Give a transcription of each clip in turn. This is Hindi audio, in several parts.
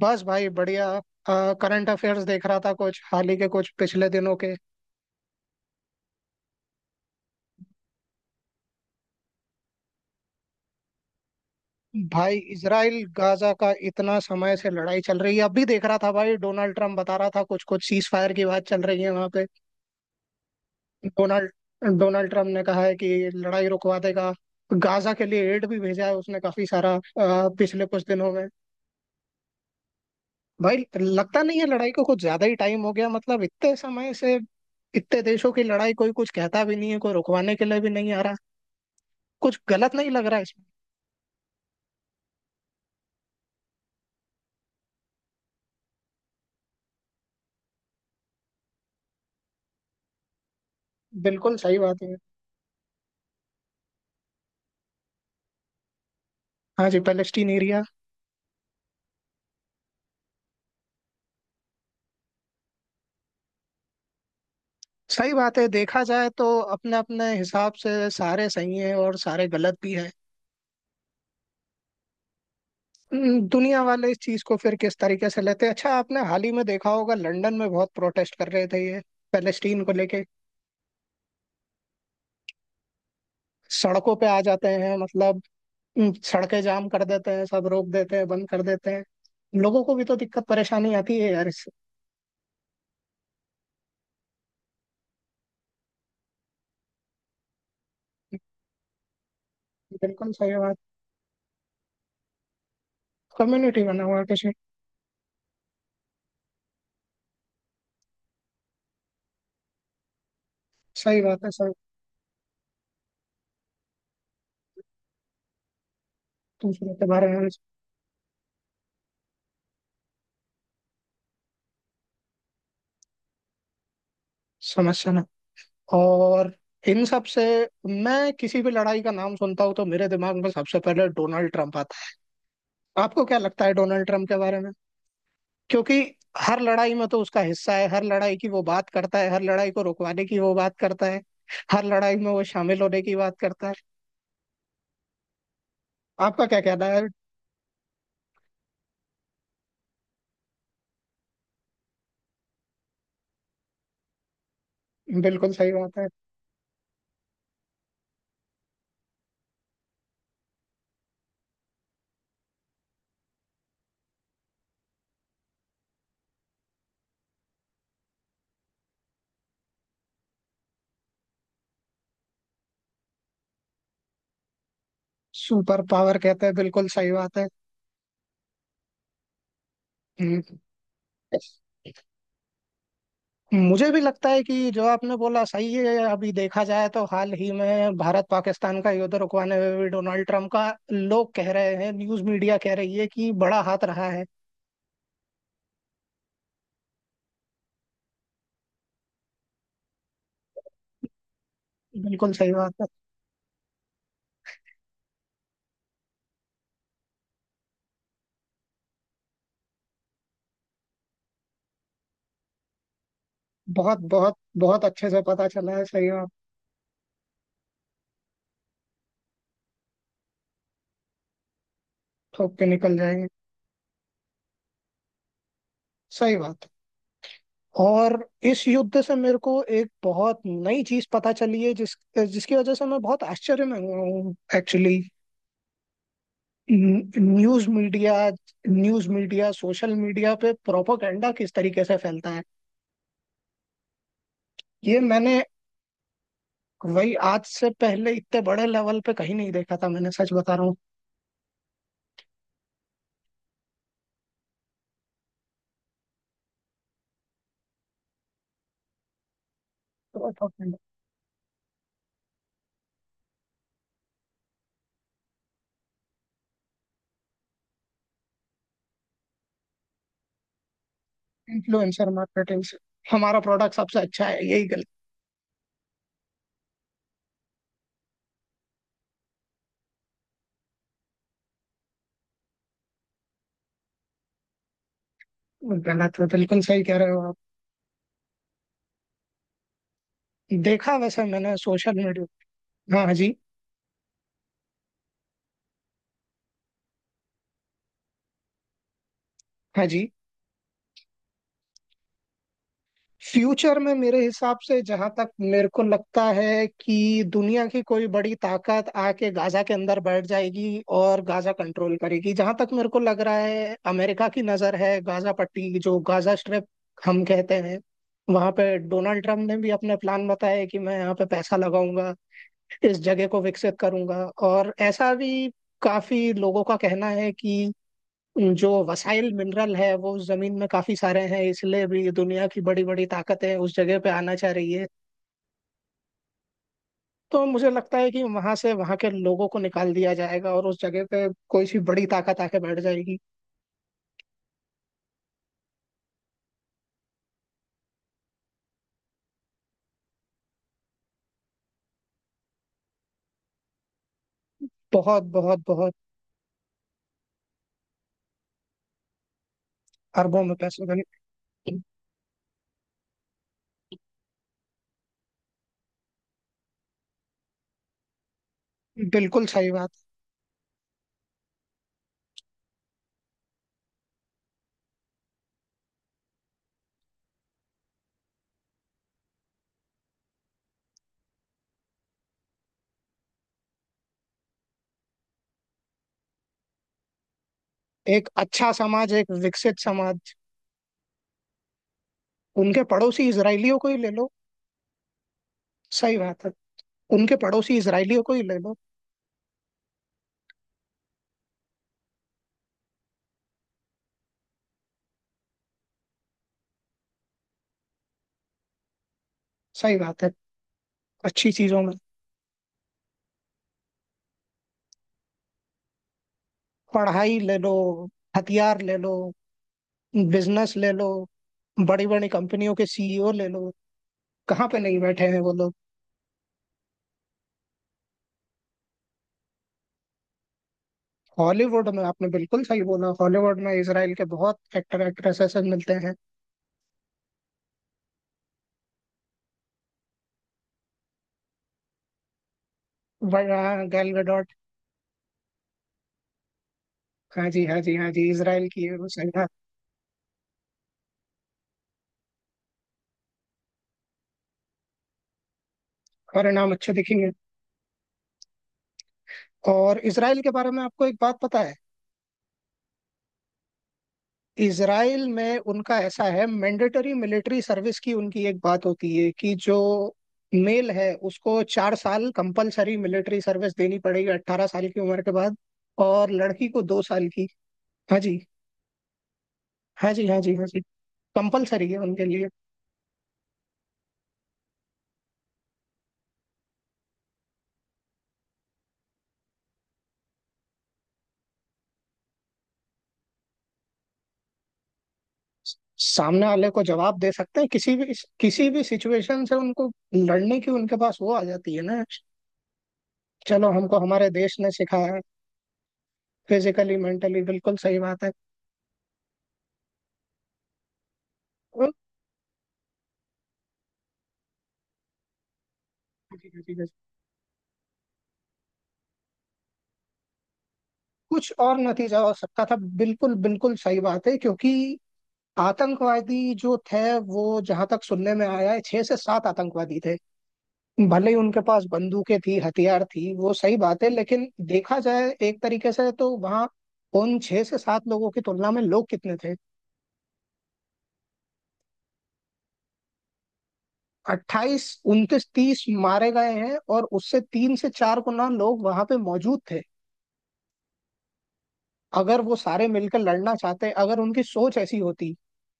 बस भाई बढ़िया। करंट अफेयर्स देख रहा था कुछ हाल ही के कुछ पिछले दिनों के। भाई इसराइल गाजा का इतना समय से लड़ाई चल रही है, अब भी देख रहा था। भाई डोनाल्ड ट्रम्प बता रहा था कुछ कुछ सीज फायर की बात चल रही है वहां पे। डोनाल्ड डोनाल्ड ट्रम्प ने कहा है कि लड़ाई रुकवा देगा। गाजा के लिए एड भी भेजा है उसने काफी सारा पिछले कुछ दिनों में। भाई लगता नहीं है, लड़ाई को कुछ ज्यादा ही टाइम हो गया, मतलब इतने समय से इतने देशों की लड़ाई कोई कुछ कहता भी नहीं है, कोई रुकवाने के लिए भी नहीं आ रहा। कुछ गलत नहीं लग रहा है। बिल्कुल सही बात है। हाँ जी, पैलेस्टीन एरिया। सही बात है, देखा जाए तो अपने अपने हिसाब से सारे सही हैं और सारे गलत भी हैं। दुनिया वाले इस चीज को फिर किस तरीके से लेते हैं। अच्छा, आपने हाल ही में देखा होगा लंदन में बहुत प्रोटेस्ट कर रहे थे ये पैलेस्टीन को लेके। सड़कों पे आ जाते हैं मतलब। सड़कें जाम कर देते हैं, सब रोक देते हैं, बंद कर देते हैं। लोगों को भी तो दिक्कत परेशानी आती है यार इससे। बिल्कुल सही बात। कम्युनिटी बना हुआ है किसी। सही बात है सर। दूसरों के बारे में समझना। और इन सब से मैं किसी भी लड़ाई का नाम सुनता हूँ तो मेरे दिमाग में सबसे पहले डोनाल्ड ट्रंप आता है। आपको क्या लगता है डोनाल्ड ट्रंप के बारे में? क्योंकि हर लड़ाई में तो उसका हिस्सा है, हर लड़ाई की वो बात करता है, हर लड़ाई को रुकवाने की वो बात करता है, हर लड़ाई में वो शामिल होने की बात करता है। आपका क्या कहना है? बिल्कुल सही बात है। सुपर पावर कहते हैं, बिल्कुल सही बात है। हम्म। मुझे भी लगता है कि जो आपने बोला सही है। अभी देखा जाए तो हाल ही में भारत पाकिस्तान का युद्ध रुकवाने में भी डोनाल्ड ट्रम्प का लोग कह रहे हैं, न्यूज मीडिया कह रही है कि बड़ा हाथ रहा है। बिल्कुल सही बात है। बहुत बहुत बहुत अच्छे से पता चला है, सही बात। थोप के निकल जाएंगे, सही बात। और इस युद्ध से मेरे को एक बहुत नई चीज पता चली है जिसकी वजह से मैं बहुत आश्चर्य में हुआ हूँ actually. News media. News media social media पे प्रोपोगंडा किस तरीके से फैलता है ये मैंने, वही आज से पहले इतने बड़े लेवल पे कहीं नहीं देखा था मैंने, सच बता रहा हूँ। प्रोपोगंडा। इन्फ्लुएंसर मार्केटिंग से हमारा प्रोडक्ट सबसे अच्छा है, यही गलत। गलत है, बिल्कुल सही कह रहे हो आप। देखा वैसे मैंने सोशल मीडिया। हाँ, हाँ जी हाँ जी। फ्यूचर में मेरे हिसाब से, जहां तक मेरे को लगता है कि दुनिया की कोई बड़ी ताकत आके गाजा के अंदर बैठ जाएगी और गाजा कंट्रोल करेगी। जहां तक मेरे को लग रहा है अमेरिका की नजर है, गाजा पट्टी जो गाजा स्ट्रिप हम कहते हैं, वहां पे डोनाल्ड ट्रम्प ने भी अपने प्लान बताए कि मैं यहाँ पे पैसा लगाऊंगा, इस जगह को विकसित करूंगा। और ऐसा भी काफी लोगों का कहना है कि जो वसाइल मिनरल है वो उस जमीन में काफी सारे हैं, इसलिए भी दुनिया की बड़ी बड़ी ताकतें उस जगह पे आना चाह रही है। तो मुझे लगता है कि वहां से वहां के लोगों को निकाल दिया जाएगा और उस जगह पे कोई सी बड़ी ताकत आके बैठ जाएगी। बहुत बहुत बहुत। अरबों में पैसे बने। बिल्कुल सही बात। एक अच्छा समाज, एक विकसित समाज। उनके पड़ोसी इसराइलियों को ही ले लो। सही बात है। उनके पड़ोसी इसराइलियों को ही ले लो। सही बात है। अच्छी चीजों में, पढ़ाई ले लो, हथियार ले लो, बिजनेस ले लो, बड़ी बड़ी कंपनियों के सीईओ ले लो, कहाँ पे नहीं बैठे हैं वो लोग। हॉलीवुड में आपने बिल्कुल सही बोला, हॉलीवुड में इसराइल के बहुत एक्टर एक्ट्रेसेस मिलते हैं। गैल गडोट। हाँ जी हाँ जी हाँ जी, इसराइल की है वो, सही है। और नाम अच्छे दिखेंगे। और इसराइल के बारे में आपको एक बात पता है? इसराइल में उनका ऐसा है, मैंडेटरी मिलिट्री सर्विस की उनकी एक बात होती है कि जो मेल है उसको 4 साल कंपलसरी मिलिट्री सर्विस देनी पड़ेगी 18 साल की उम्र के बाद, और लड़की को 2 साल की। हाँ जी। हाँ जी हाँ जी हाँ जी। कंपलसरी है उनके लिए। सामने वाले को जवाब दे सकते हैं, किसी भी सिचुएशन से उनको लड़ने की उनके पास वो आ जाती है ना। चलो, हमको हमारे देश ने सिखाया है। फिजिकली मेंटली, बिल्कुल सही बात है। कुछ और नतीजा हो सकता था, बिल्कुल बिल्कुल सही बात है, क्योंकि आतंकवादी जो थे वो जहां तक सुनने में आया है छह से सात आतंकवादी थे। भले ही उनके पास बंदूकें थी, हथियार थी, वो सही बात है, लेकिन देखा जाए एक तरीके से तो वहां उन छह से सात लोगों की तुलना में लोग कितने थे। 28 29 30 मारे गए हैं, और उससे तीन से चार गुना लोग वहां पे मौजूद थे। अगर वो सारे मिलकर लड़ना चाहते, अगर उनकी सोच ऐसी होती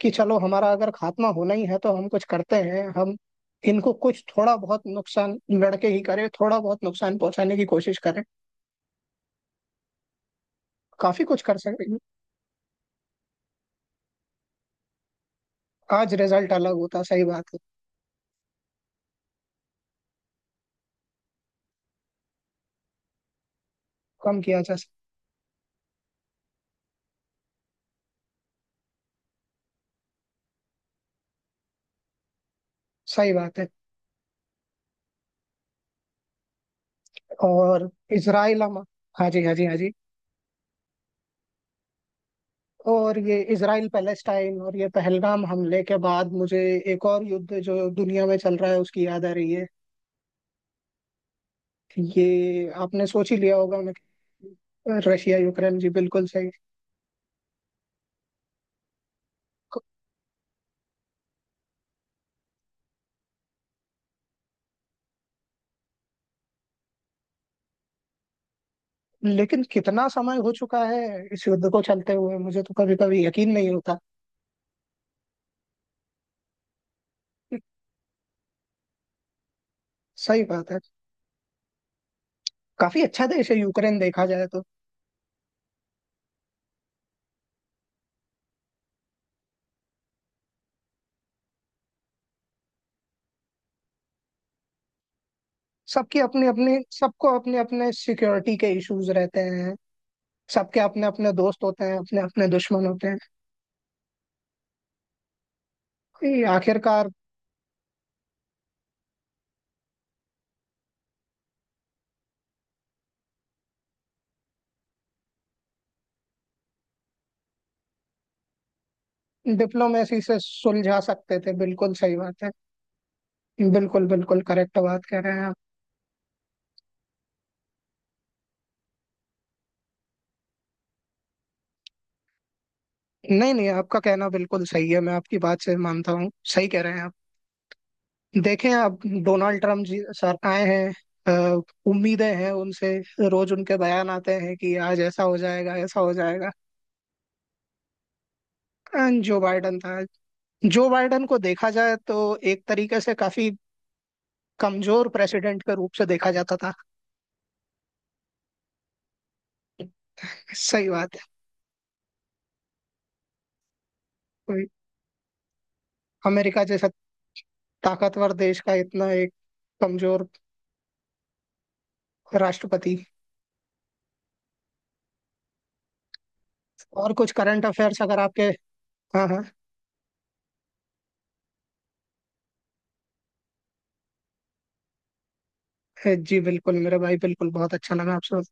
कि चलो हमारा अगर खात्मा होना ही है तो हम कुछ करते हैं, हम इनको कुछ थोड़ा बहुत नुकसान लड़के ही करें, थोड़ा बहुत नुकसान पहुंचाने की कोशिश करें, काफी कुछ कर सकते हैं। आज रिजल्ट अलग होता, सही बात है। कम किया जा सकता, सही बात है। और इसराइल हम, हाँ जी हाँ जी हाँ जी। और ये इसराइल पैलेस्टाइन और ये पहलगाम हमले के बाद मुझे एक और युद्ध जो दुनिया में चल रहा है उसकी याद आ रही है। ये आपने सोच ही लिया होगा, मैं, रशिया यूक्रेन जी बिल्कुल सही। क- लेकिन कितना समय हो चुका है इस युद्ध को चलते हुए, मुझे तो कभी कभी यकीन नहीं होता। सही बात है। काफी अच्छा देश है यूक्रेन, देखा जाए तो। सबकी अपनी अपनी, सबको अपने अपने सिक्योरिटी के इश्यूज रहते हैं, सबके अपने अपने दोस्त होते हैं अपने अपने दुश्मन होते हैं। ये आखिरकार डिप्लोमेसी से सुलझा सकते थे, बिल्कुल सही बात है। बिल्कुल बिल्कुल करेक्ट बात कह रहे हैं आप। नहीं नहीं, आपका कहना बिल्कुल सही है, मैं आपकी बात से मानता हूँ, सही कह रहे हैं आप। देखें, अब डोनाल्ड ट्रम्प जी सर आए हैं। अ, उम्मीदें हैं उनसे, रोज उनके बयान आते हैं कि आज ऐसा हो जाएगा, ऐसा हो जाएगा। जो बाइडन था। जो बाइडन को देखा जाए तो एक तरीके से काफी कमजोर प्रेसिडेंट के रूप से देखा जाता था। सही बात है। कोई, अमेरिका जैसा ताकतवर देश का इतना एक कमजोर राष्ट्रपति। और कुछ करंट अफेयर्स अगर आपके, हाँ हाँ। जी बिल्कुल मेरा भाई, बिल्कुल बहुत अच्छा लगा आपसे।